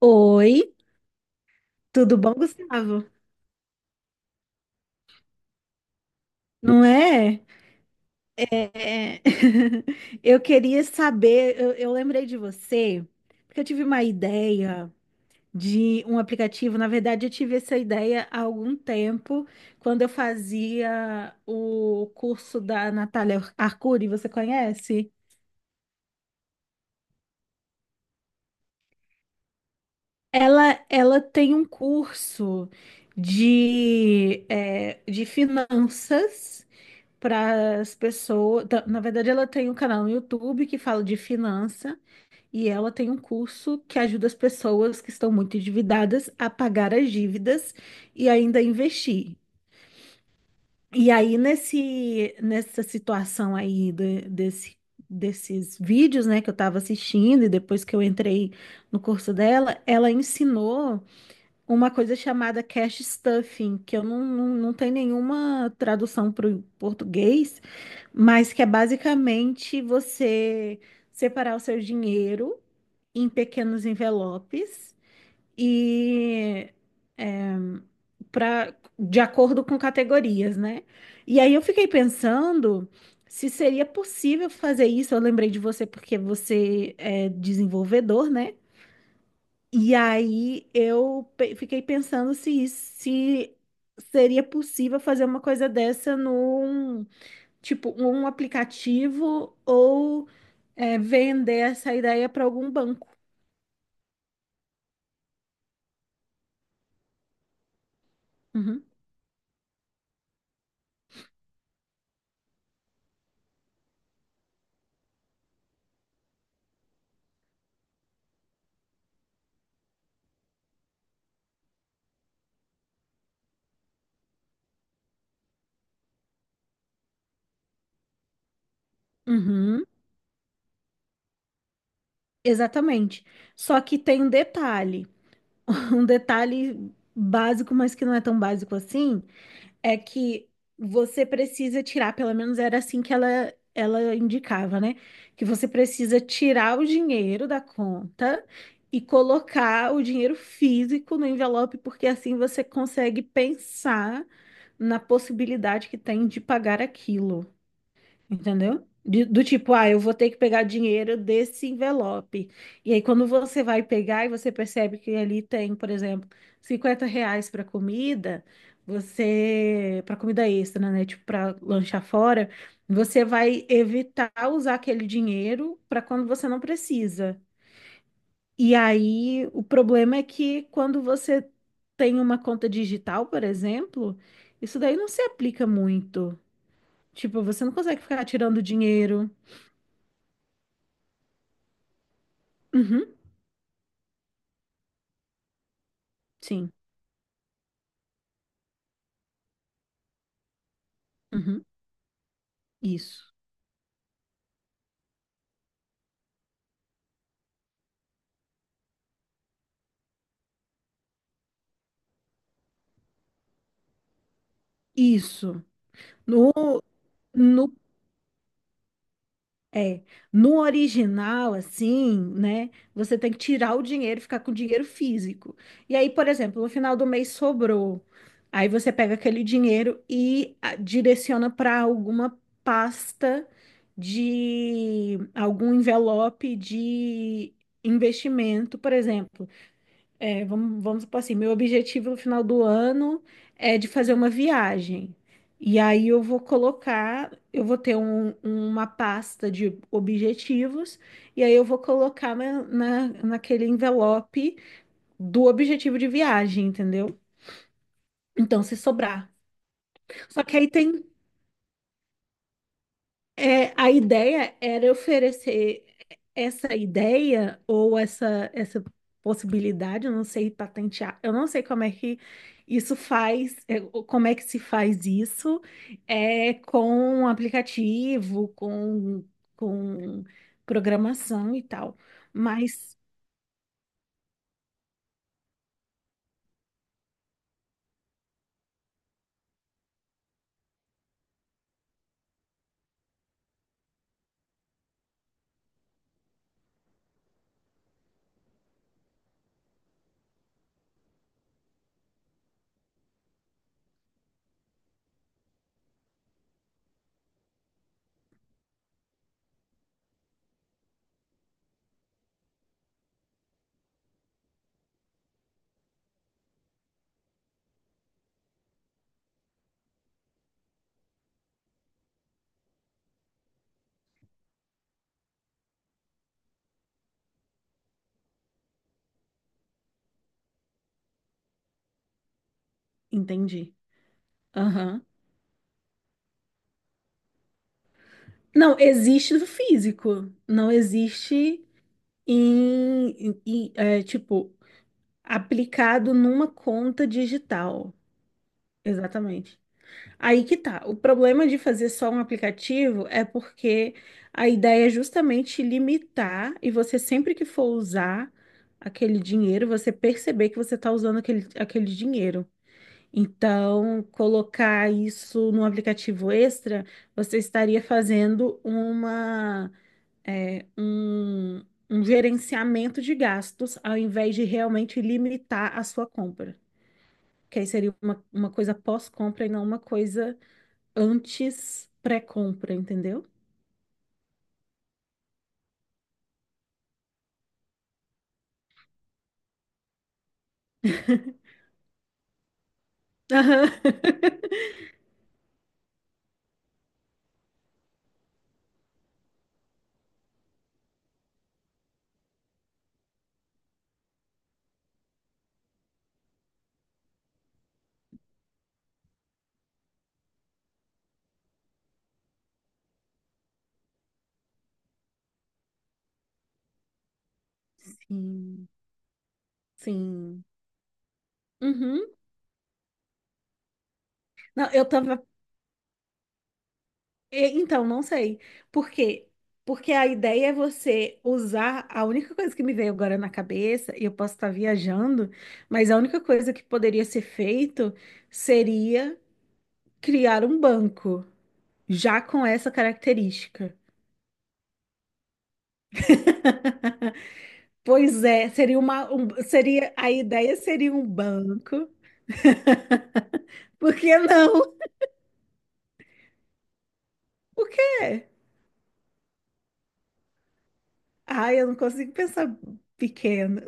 Oi, tudo bom, Gustavo? Não é? É. Eu queria saber, eu lembrei de você, porque eu tive uma ideia de um aplicativo. Na verdade, eu tive essa ideia há algum tempo, quando eu fazia o curso da Natália Arcuri, você conhece? Ela tem um curso de, de finanças para as pessoas. Na verdade, ela tem um canal no YouTube que fala de finança e ela tem um curso que ajuda as pessoas que estão muito endividadas a pagar as dívidas e ainda investir. E aí, nessa situação aí desse, desses vídeos, né, que eu estava assistindo e depois que eu entrei no curso dela, ela ensinou uma coisa chamada cash stuffing, que eu não tenho nenhuma tradução para o português, mas que é basicamente você separar o seu dinheiro em pequenos envelopes e para de acordo com categorias, né? E aí eu fiquei pensando se seria possível fazer isso. Eu lembrei de você porque você é desenvolvedor, né? E aí fiquei pensando se, se seria possível fazer uma coisa dessa, tipo, um aplicativo ou vender essa ideia para algum banco. Uhum. Uhum. Exatamente. Só que tem um detalhe, um detalhe básico, mas que não é tão básico assim, é que você precisa tirar, pelo menos era assim que ela indicava, né? Que você precisa tirar o dinheiro da conta e colocar o dinheiro físico no envelope, porque assim você consegue pensar na possibilidade que tem de pagar aquilo. Entendeu? Do tipo, ah, eu vou ter que pegar dinheiro desse envelope. E aí, quando você vai pegar e você percebe que ali tem, por exemplo, R$ 50 para comida, você, para comida extra, né? Tipo, para lanchar fora, você vai evitar usar aquele dinheiro para quando você não precisa. E aí, o problema é que quando você tem uma conta digital, por exemplo, isso daí não se aplica muito. Tipo, você não consegue ficar tirando dinheiro. Uhum, sim. Uhum, isso. Isso. No, no, é, no original, assim, né? Você tem que tirar o dinheiro e ficar com o dinheiro físico. E aí, por exemplo, no final do mês sobrou. Aí você pega aquele dinheiro e ah, direciona para alguma pasta de algum envelope de investimento, por exemplo. É, vamos supor assim, meu objetivo no final do ano é de fazer uma viagem. E aí eu vou colocar, eu vou ter uma pasta de objetivos, e aí eu vou colocar naquele envelope do objetivo de viagem, entendeu? Então, se sobrar. Só que aí tem. É, a ideia era oferecer essa ideia ou essa possibilidade, eu não sei patentear, eu não sei como é que isso faz, como é que se faz isso, com um aplicativo, com programação e tal. Mas, entendi. Aham. Não, existe do físico, não existe em, é, tipo, aplicado numa conta digital. Exatamente. Aí que tá. O problema de fazer só um aplicativo é porque a ideia é justamente limitar e você sempre que for usar aquele dinheiro, você perceber que você está usando aquele dinheiro. Então, colocar isso num aplicativo extra, você estaria fazendo uma, é, um, um gerenciamento de gastos ao invés de realmente limitar a sua compra que aí seria uma coisa pós-compra e não uma coisa antes pré-compra, entendeu? Aham. Sim, sim. Uhum. Não, eu tava. Então, não sei. Por quê? Porque a ideia é você usar. A única coisa que me veio agora na cabeça, e eu posso estar viajando, mas a única coisa que poderia ser feito seria criar um banco, já com essa característica. Pois é, seria uma, seria, a ideia seria um banco. Por que não? Por quê? Ai, eu não consigo pensar pequeno.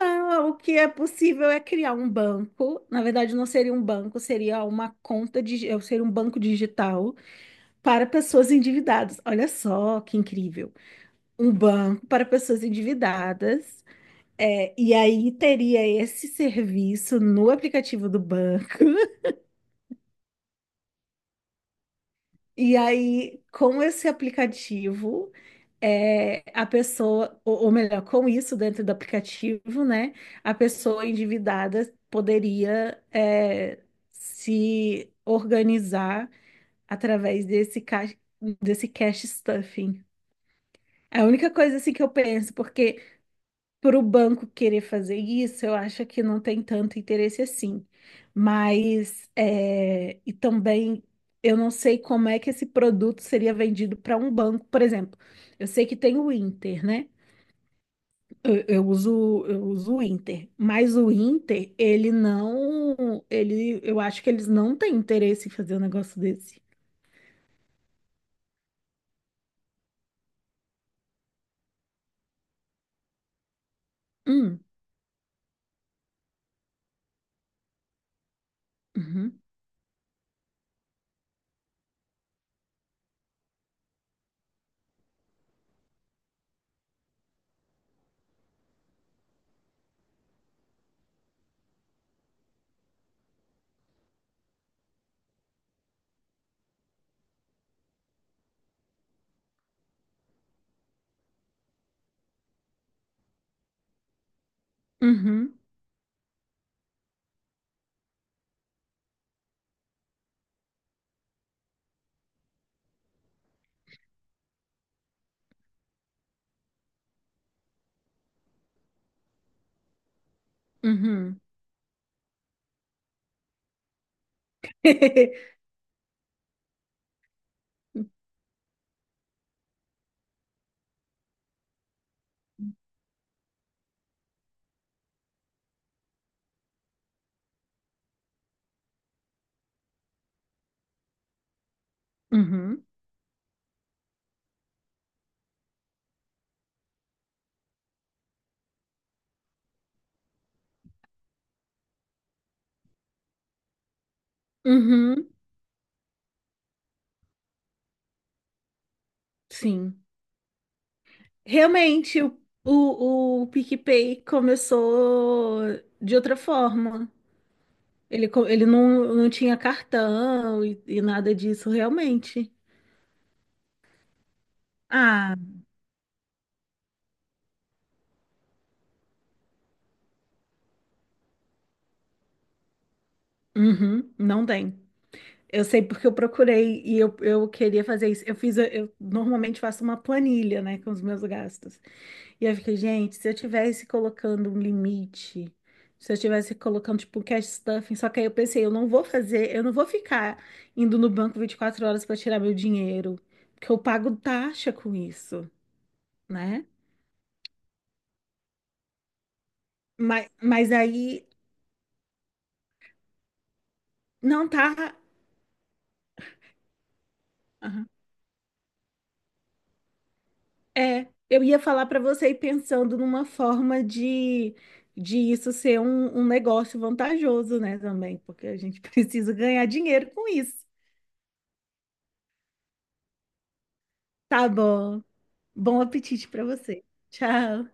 Ah, o que é possível é criar um banco. Na verdade, não seria um banco, seria uma conta de, seria um banco digital para pessoas endividadas. Olha só que incrível. Um banco para pessoas endividadas. É, e aí teria esse serviço no aplicativo do banco. E aí, com esse aplicativo, a pessoa, ou melhor, com isso dentro do aplicativo, né, a pessoa endividada poderia, se organizar através desse cash stuffing. É a única coisa assim que eu penso, porque para o banco querer fazer isso, eu acho que não tem tanto interesse assim. Mas, e também, eu não sei como é que esse produto seria vendido para um banco. Por exemplo, eu sei que tem o Inter, né? Eu uso o Inter, mas o Inter, ele não, ele, eu acho que eles não têm interesse em fazer um negócio desse. Hum, uhum, uhum, uhum. Uhum, uhum, sim. Realmente, o PicPay começou de outra forma. Ele, ele não tinha cartão e nada disso, realmente. Ah, uhum, não tem. Eu sei porque eu procurei e eu queria fazer isso. Eu fiz, eu normalmente faço uma planilha, né, com os meus gastos. E eu fico, gente, se eu tivesse colocando um limite, se eu tivesse colocando, tipo, um cash stuffing, só que aí eu pensei, eu não vou fazer, eu não vou ficar indo no banco 24 horas para tirar meu dinheiro, porque eu pago taxa com isso, né? Mas aí não tá. Aham. É, eu ia falar para você ir pensando numa forma de isso ser um negócio vantajoso, né, também, porque a gente precisa ganhar dinheiro com isso. Tá bom. Bom apetite para você. Tchau.